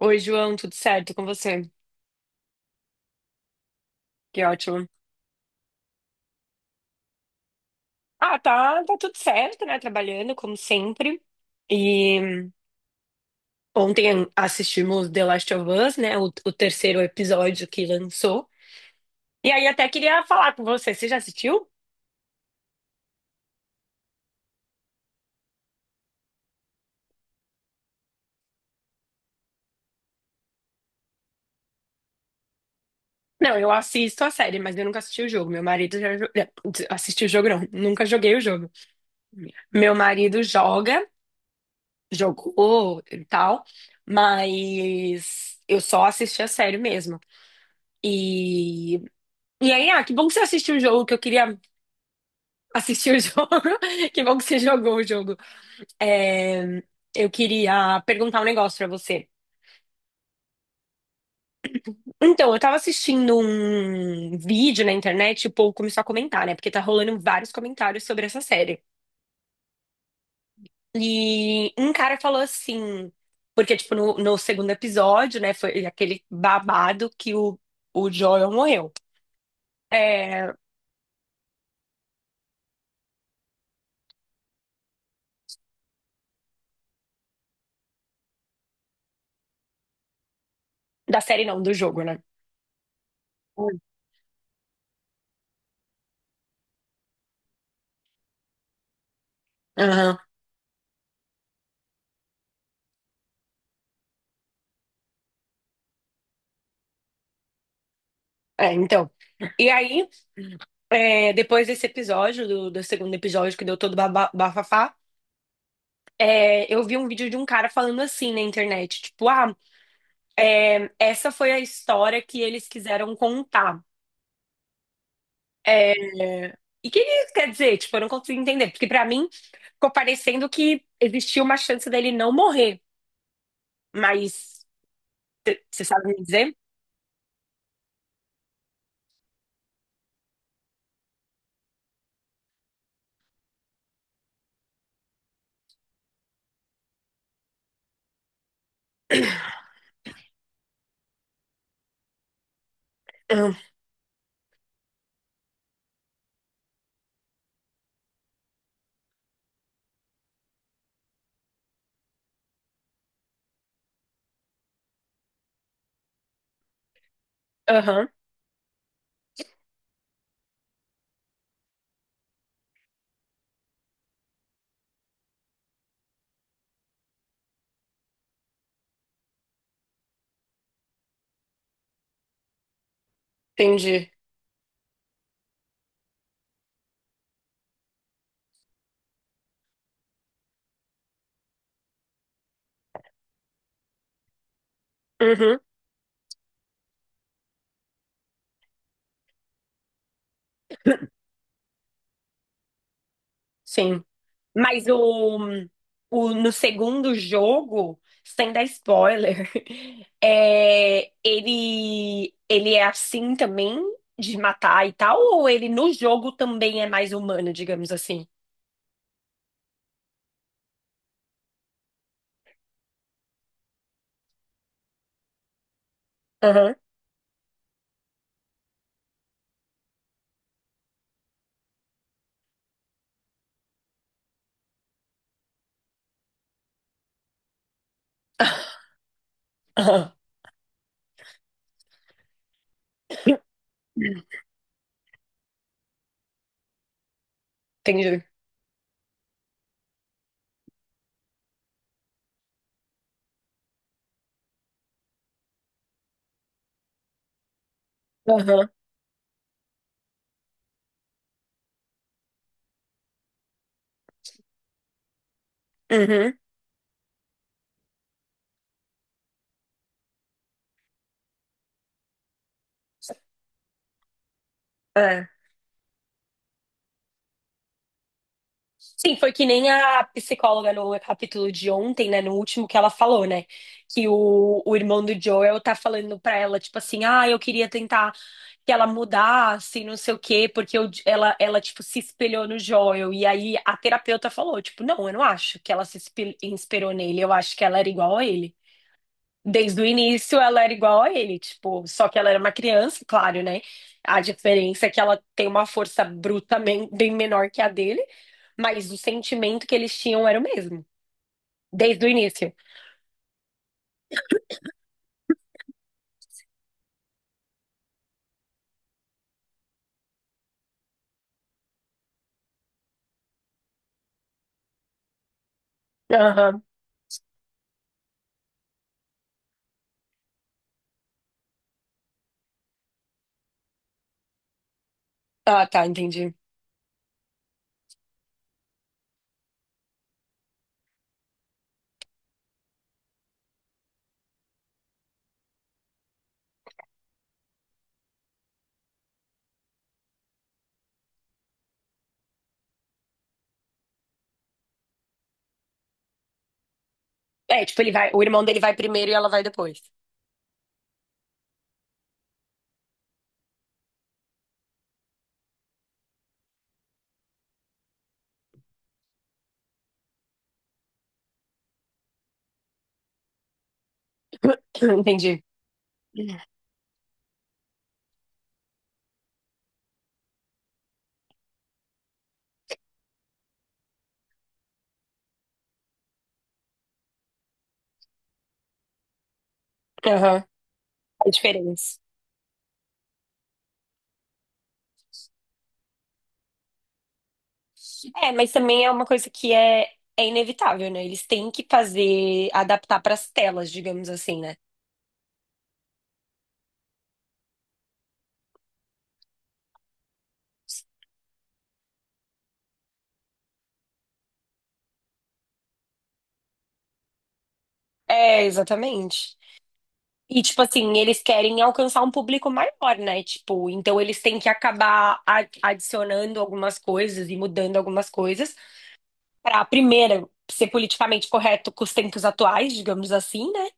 Oi, João, tudo certo com você? Que ótimo. Ah, tá, tá tudo certo, né? Trabalhando como sempre. E ontem assistimos The Last of Us, né? O terceiro episódio que lançou. E aí até queria falar com você. Você já assistiu? Não, eu assisto a série, mas eu nunca assisti o jogo. Meu marido assistiu o jogo, não. Nunca joguei o jogo. Meu marido joga, jogou e tal, mas eu só assisti a série mesmo. E E aí, ah, que bom que você assistiu o jogo, que eu queria assistir o jogo. Que bom que você jogou o jogo. É, eu queria perguntar um negócio pra você. Então, eu tava assistindo um vídeo na internet e o povo começou a comentar, né? Porque tá rolando vários comentários sobre essa série. E um cara falou assim, porque, tipo, no segundo episódio, né, foi aquele babado que o Joel morreu. É, da série não, do jogo, né? Hum. Aham, é, então. E aí. É, depois desse episódio, do segundo episódio que deu todo bafafá, é, eu vi um vídeo de um cara falando assim na internet, tipo, ah, é, essa foi a história que eles quiseram contar. É, e o que isso quer dizer? Tipo, eu não consigo entender, porque pra mim ficou parecendo que existia uma chance dele não morrer, mas você sabe me dizer? Aham, entendi. Uhum, sim. Mas no segundo jogo, sem dar spoiler, é, ele é assim também, de matar e tal, ou ele no jogo também é mais humano, digamos assim? Aham. Aham. Entendi. Aham. Uhum. É. Sim, foi que nem a psicóloga no capítulo de ontem, né? No último que ela falou, né? Que o irmão do Joel tá falando pra ela, tipo assim, ah, eu queria tentar que ela mudasse, não sei o quê, porque tipo, se espelhou no Joel. E aí a terapeuta falou, tipo, não, eu não acho que ela se espe- inspirou nele, eu acho que ela era igual a ele. Desde o início ela era igual a ele, tipo, só que ela era uma criança, claro, né? A diferença é que ela tem uma força bem menor que a dele, mas o sentimento que eles tinham era o mesmo, desde o início. Aham. Ah, tá, entendi. É, tipo, ele vai, o irmão dele vai primeiro e ela vai depois. Entendi. Aham. A diferença. É, mas também é uma coisa que é, é inevitável, né? Eles têm que fazer, adaptar para as telas, digamos assim, né? É, exatamente. E, tipo assim, eles querem alcançar um público maior, né? Tipo, então eles têm que adicionando algumas coisas e mudando algumas coisas para, primeiro, ser politicamente correto com os tempos atuais, digamos assim, né?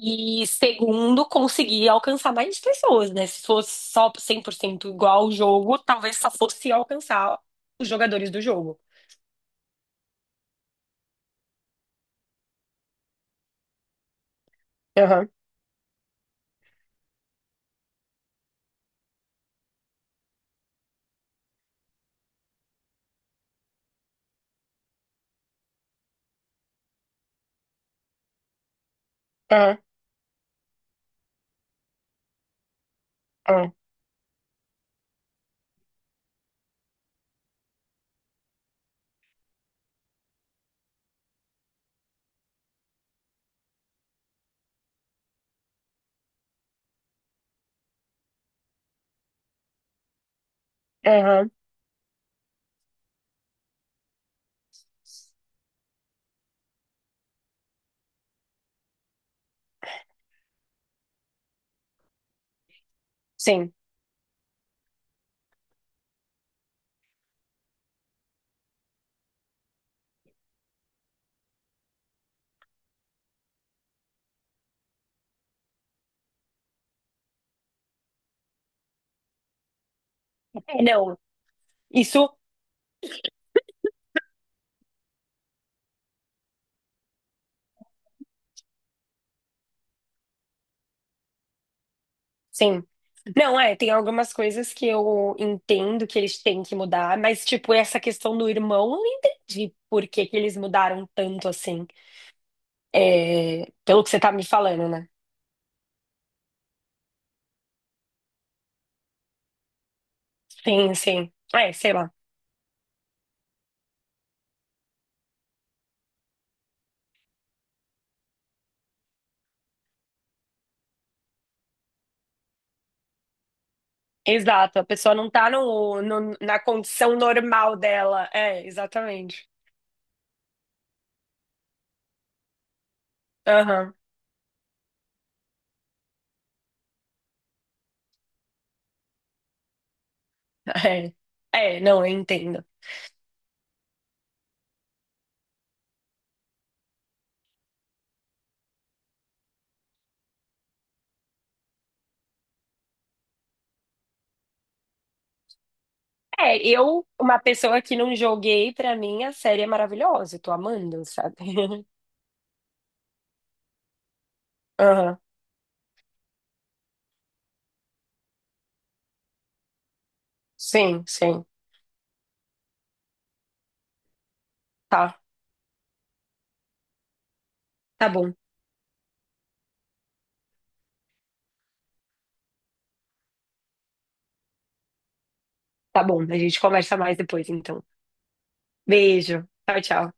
E, segundo, conseguir alcançar mais pessoas, né? Se fosse só 100% igual ao jogo, talvez só fosse alcançar os jogadores do jogo. Aham, aham, aham, aham. Sim. É, não. Isso. Sim. Não, é, tem algumas coisas que eu entendo que eles têm que mudar, mas, tipo, essa questão do irmão, eu não entendi por que que eles mudaram tanto assim. É, pelo que você tá me falando, né? Sim, sim. É, sei lá. Exato, a pessoa não tá na condição normal dela. É, exatamente. Aham, é. É, não, eu entendo. É, eu, uma pessoa que não joguei, pra mim a série é maravilhosa, eu tô amando, sabe? Aham, sim, sim. Tá. Tá bom, tá bom. A gente conversa mais depois, então. Beijo. Tchau, tchau.